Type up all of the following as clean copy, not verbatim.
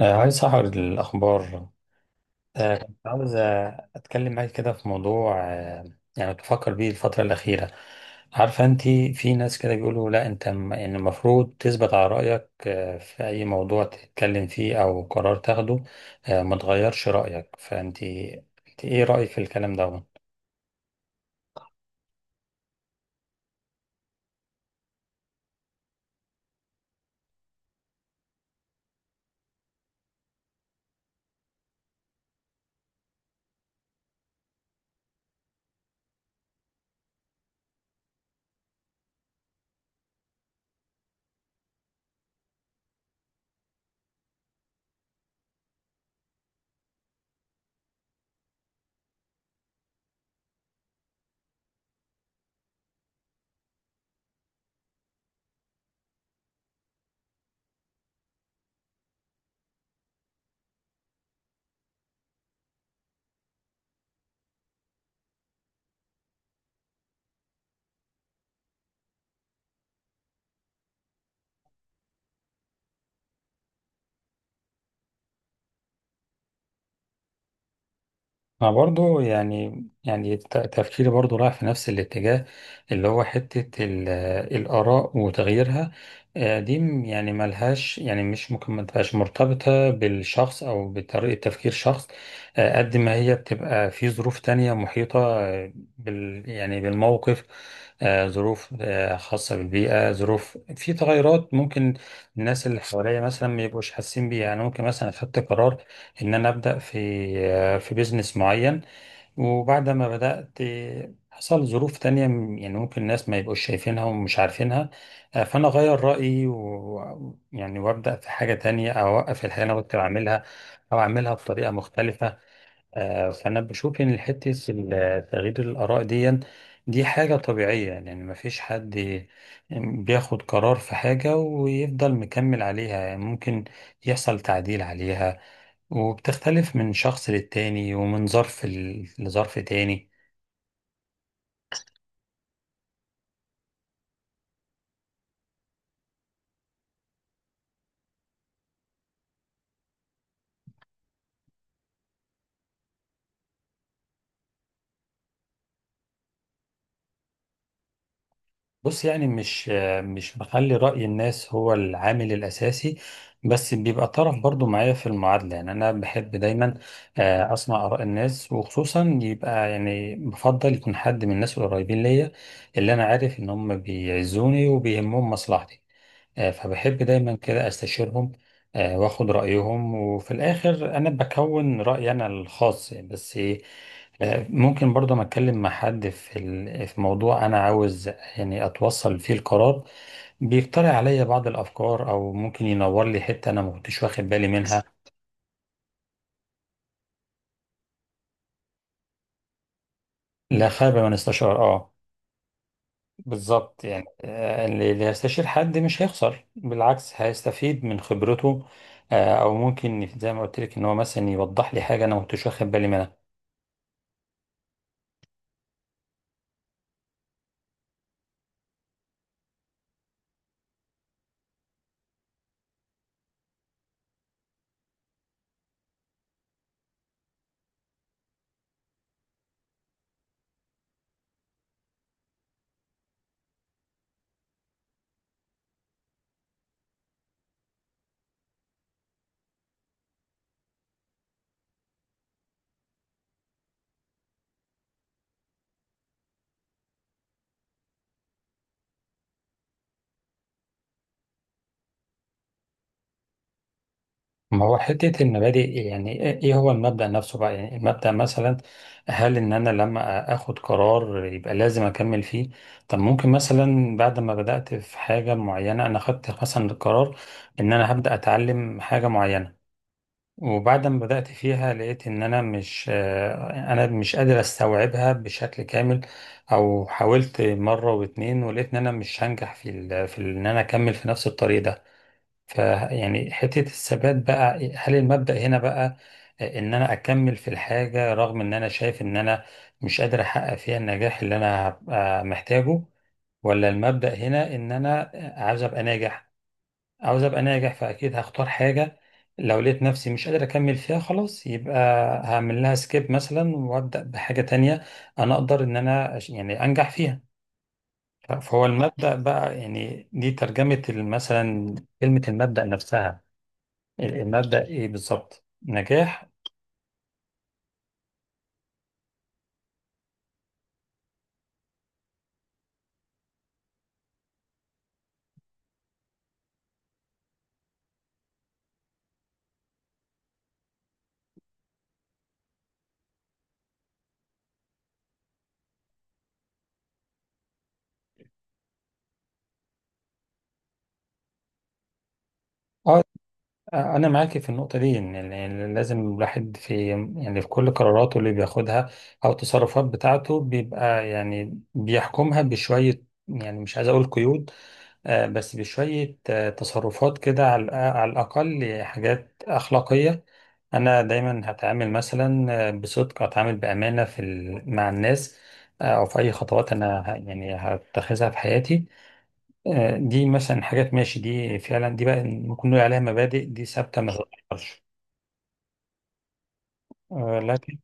عايز أعرض الأخبار. كنت عاوز أتكلم معاك كده في موضوع، يعني بفكر بيه الفترة الأخيرة. عارفة أنت، في ناس كده بيقولوا لا أنت إن المفروض تثبت على رأيك في أي موضوع تتكلم فيه أو قرار تاخده، ما تغيرش رأيك. فأنت أنت إيه رأيك في الكلام ده؟ انا برضو يعني تفكيري برضو رايح في نفس الاتجاه، اللي هو حتة الآراء وتغييرها. دي يعني ملهاش، يعني مش ممكن ما تبقاش مرتبطة بالشخص أو بطريقة تفكير شخص. قد ما هي بتبقى في ظروف تانية محيطة بالموقف. ظروف خاصة بالبيئة، ظروف، في تغيرات ممكن الناس اللي حواليا مثلا ما يبقوش حاسين بيها. يعني ممكن مثلا أخدت قرار ان انا ابدا في بيزنس معين. وبعد ما بدات حصل ظروف تانية يعني ممكن الناس ما يبقوش شايفينها ومش عارفينها. فانا اغير رايي و يعني وابدا في حاجه تانية او اوقف الحاجه اللي انا كنت بعملها او اعملها بطريقه مختلفه. فانا بشوف ان حته تغيير الاراء دي، دي حاجه طبيعيه. يعني ما فيش حد بياخد قرار في حاجه ويفضل مكمل عليها، يعني ممكن يحصل تعديل عليها، وبتختلف من شخص للتاني ومن ظرف لظرف تاني. بص، يعني مش بخلي رأي الناس هو العامل الأساسي، بس بيبقى طرف برضو معايا في المعادلة. يعني أنا بحب دايما أسمع آراء الناس، وخصوصا يبقى يعني بفضل يكون حد من الناس القريبين ليا، اللي أنا عارف إن هم بيعزوني وبيهمهم مصلحتي. فبحب دايما كده استشيرهم، واخد رأيهم، وفي الآخر أنا بكون رأيي أنا الخاص بس. ممكن برضه ما أتكلم مع حد في في موضوع أنا عاوز يعني أتوصل فيه القرار، بيقترح عليا بعض الأفكار أو ممكن ينور لي حتة أنا ما كنتش واخد بالي منها. لا خير من استشار، آه، بالظبط. يعني اللي هيستشير حد مش هيخسر، بالعكس هيستفيد من خبرته. او ممكن زي ما قلت لك ان هو مثلا يوضح لي حاجه انا ما كنتش واخد بالي منها. ما هو حته المبادئ، يعني ايه هو المبدا نفسه بقى؟ يعني المبدا مثلا هل ان انا لما اخد قرار يبقى لازم اكمل فيه؟ طب ممكن مثلا بعد ما بدات في حاجه معينه، انا خدت مثلا القرار ان انا هبدا اتعلم حاجه معينه، وبعد ما بدأت فيها لقيت إن أنا مش آه، أنا مش قادر أستوعبها بشكل كامل، أو حاولت مرة واتنين ولقيت إن أنا مش هنجح في في إن أنا أكمل في نفس الطريق ده. ف يعني حتة الثبات بقى، هل المبدأ هنا بقى إن أنا أكمل في الحاجة رغم إن أنا شايف إن أنا مش قادر أحقق فيها النجاح اللي أنا هبقى محتاجه؟ ولا المبدأ هنا إن أنا عايز أبقى ناجح؟ عاوز ابقى ناجح، فاكيد هختار حاجه، لو لقيت نفسي مش قادر اكمل فيها خلاص يبقى هعمل لها سكيب مثلا وابدا بحاجه تانية انا اقدر ان انا يعني انجح فيها. فهو المبدا بقى، يعني دي ترجمه مثلا كلمه المبدا نفسها، المبدا ايه بالظبط؟ نجاح. اه، انا معاكي في النقطه دي، ان يعني لازم الواحد في، يعني في كل قراراته اللي بياخدها او التصرفات بتاعته، بيبقى يعني بيحكمها بشويه، يعني مش عايز اقول قيود، بس بشوية تصرفات كده على على الأقل حاجات أخلاقية. أنا دايما هتعامل مثلا بصدق، هتعامل بأمانة في مع الناس، أو في أي خطوات أنا يعني هتخذها في حياتي. دي مثلا حاجات، ماشي، دي فعلا دي بقى ممكن نقول عليها مبادئ دي ثابتة ما تتغيرش. لكن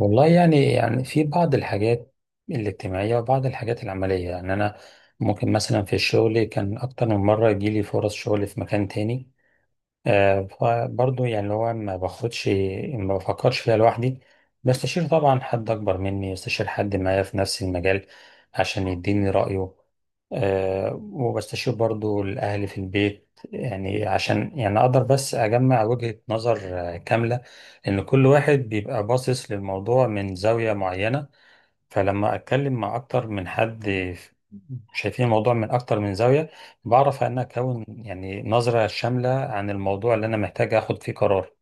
والله يعني، في بعض الحاجات الاجتماعية وبعض الحاجات العملية، يعني أنا ممكن مثلا في الشغل كان أكتر من مرة يجيلي فرص شغل في مكان تاني. فبرضه يعني اللي هو ما باخدش، ما بفكرش فيها لوحدي، بستشير طبعا حد أكبر مني، بستشير حد معايا في نفس المجال عشان يديني رأيه. وبستشير برضه الأهل في البيت يعني عشان يعني أقدر بس أجمع وجهة نظر كاملة، لأن كل واحد بيبقى باصص للموضوع من زاوية معينة. فلما أتكلم مع أكتر من حد شايفين الموضوع من أكتر من زاوية، بعرف أن أكون يعني نظرة شاملة عن الموضوع اللي أنا محتاج أخد فيه قرار.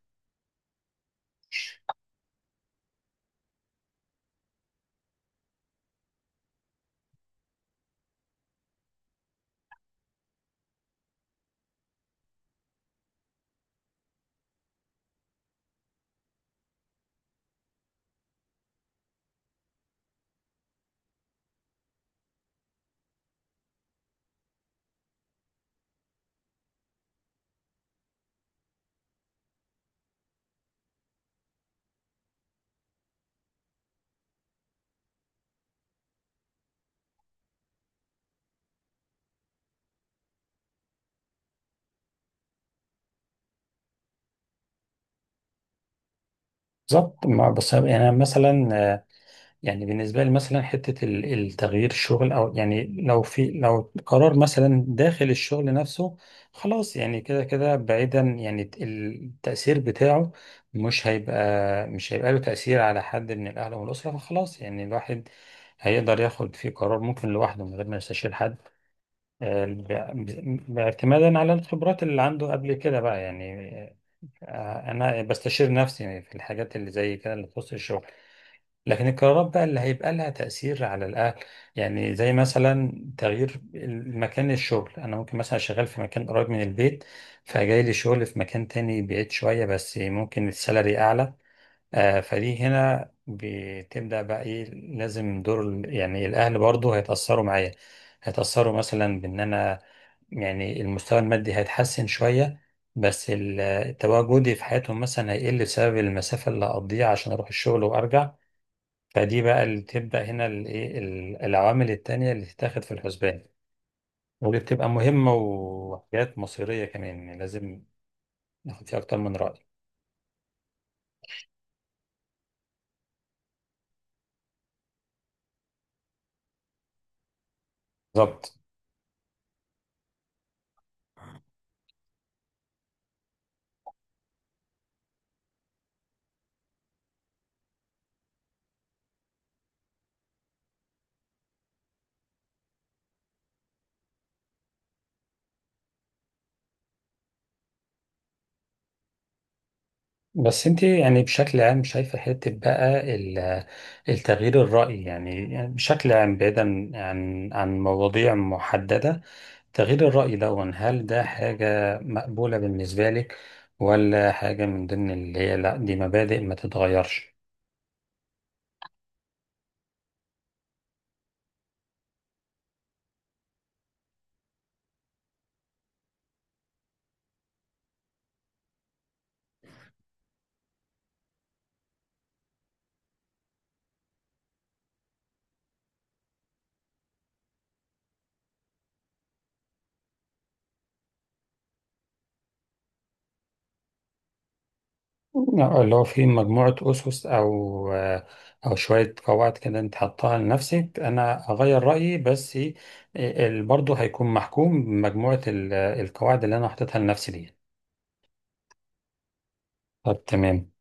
بالظبط. بس يعني أنا مثلا يعني بالنسبة لي مثلا حتة التغيير الشغل، أو يعني لو قرار مثلا داخل الشغل نفسه، خلاص يعني كده كده بعيدا يعني التأثير بتاعه مش هيبقى له تأثير على حد من الأهل والأسرة، فخلاص يعني الواحد هيقدر ياخد فيه قرار ممكن لوحده من غير ما يستشير حد، باعتمادا على الخبرات اللي عنده قبل كده بقى يعني. انا بستشير نفسي في الحاجات اللي زي كده اللي تخص الشغل. لكن القرارات بقى اللي هيبقى لها تأثير على الاهل، يعني زي مثلا تغيير مكان الشغل، انا ممكن مثلا شغال في مكان قريب من البيت فجاي لي شغل في مكان تاني بعيد شوية بس ممكن السالري اعلى. فدي هنا بتبدأ بقى ايه، لازم دور يعني الأهل برضو هيتأثروا معايا، هيتأثروا مثلا بإن أنا يعني المستوى المادي هيتحسن شوية بس تواجدي في حياتهم مثلا هيقل بسبب المسافة اللي هقضيها عشان أروح الشغل وأرجع. فدي بقى اللي تبدأ هنا الإيه، العوامل التانية اللي تتاخد في الحسبان، ودي بتبقى مهمة وحاجات مصيرية كمان، يعني لازم ناخد فيها أكتر من رأي. بالظبط. بس انت يعني بشكل عام شايفة حتة بقى التغيير الرأي، يعني بشكل عام بعيدا عن مواضيع محددة، تغيير الرأي ده هل ده حاجة مقبولة بالنسبة لك، ولا حاجة من ضمن اللي هي لا دي مبادئ ما تتغيرش؟ لا، اللي هو في مجموعة أسس أو شوية قواعد كده أنت حطها لنفسك، أنا أغير رأيي بس، برضه هيكون محكوم بمجموعة القواعد اللي أنا حطيتها لنفسي دي. طب تمام.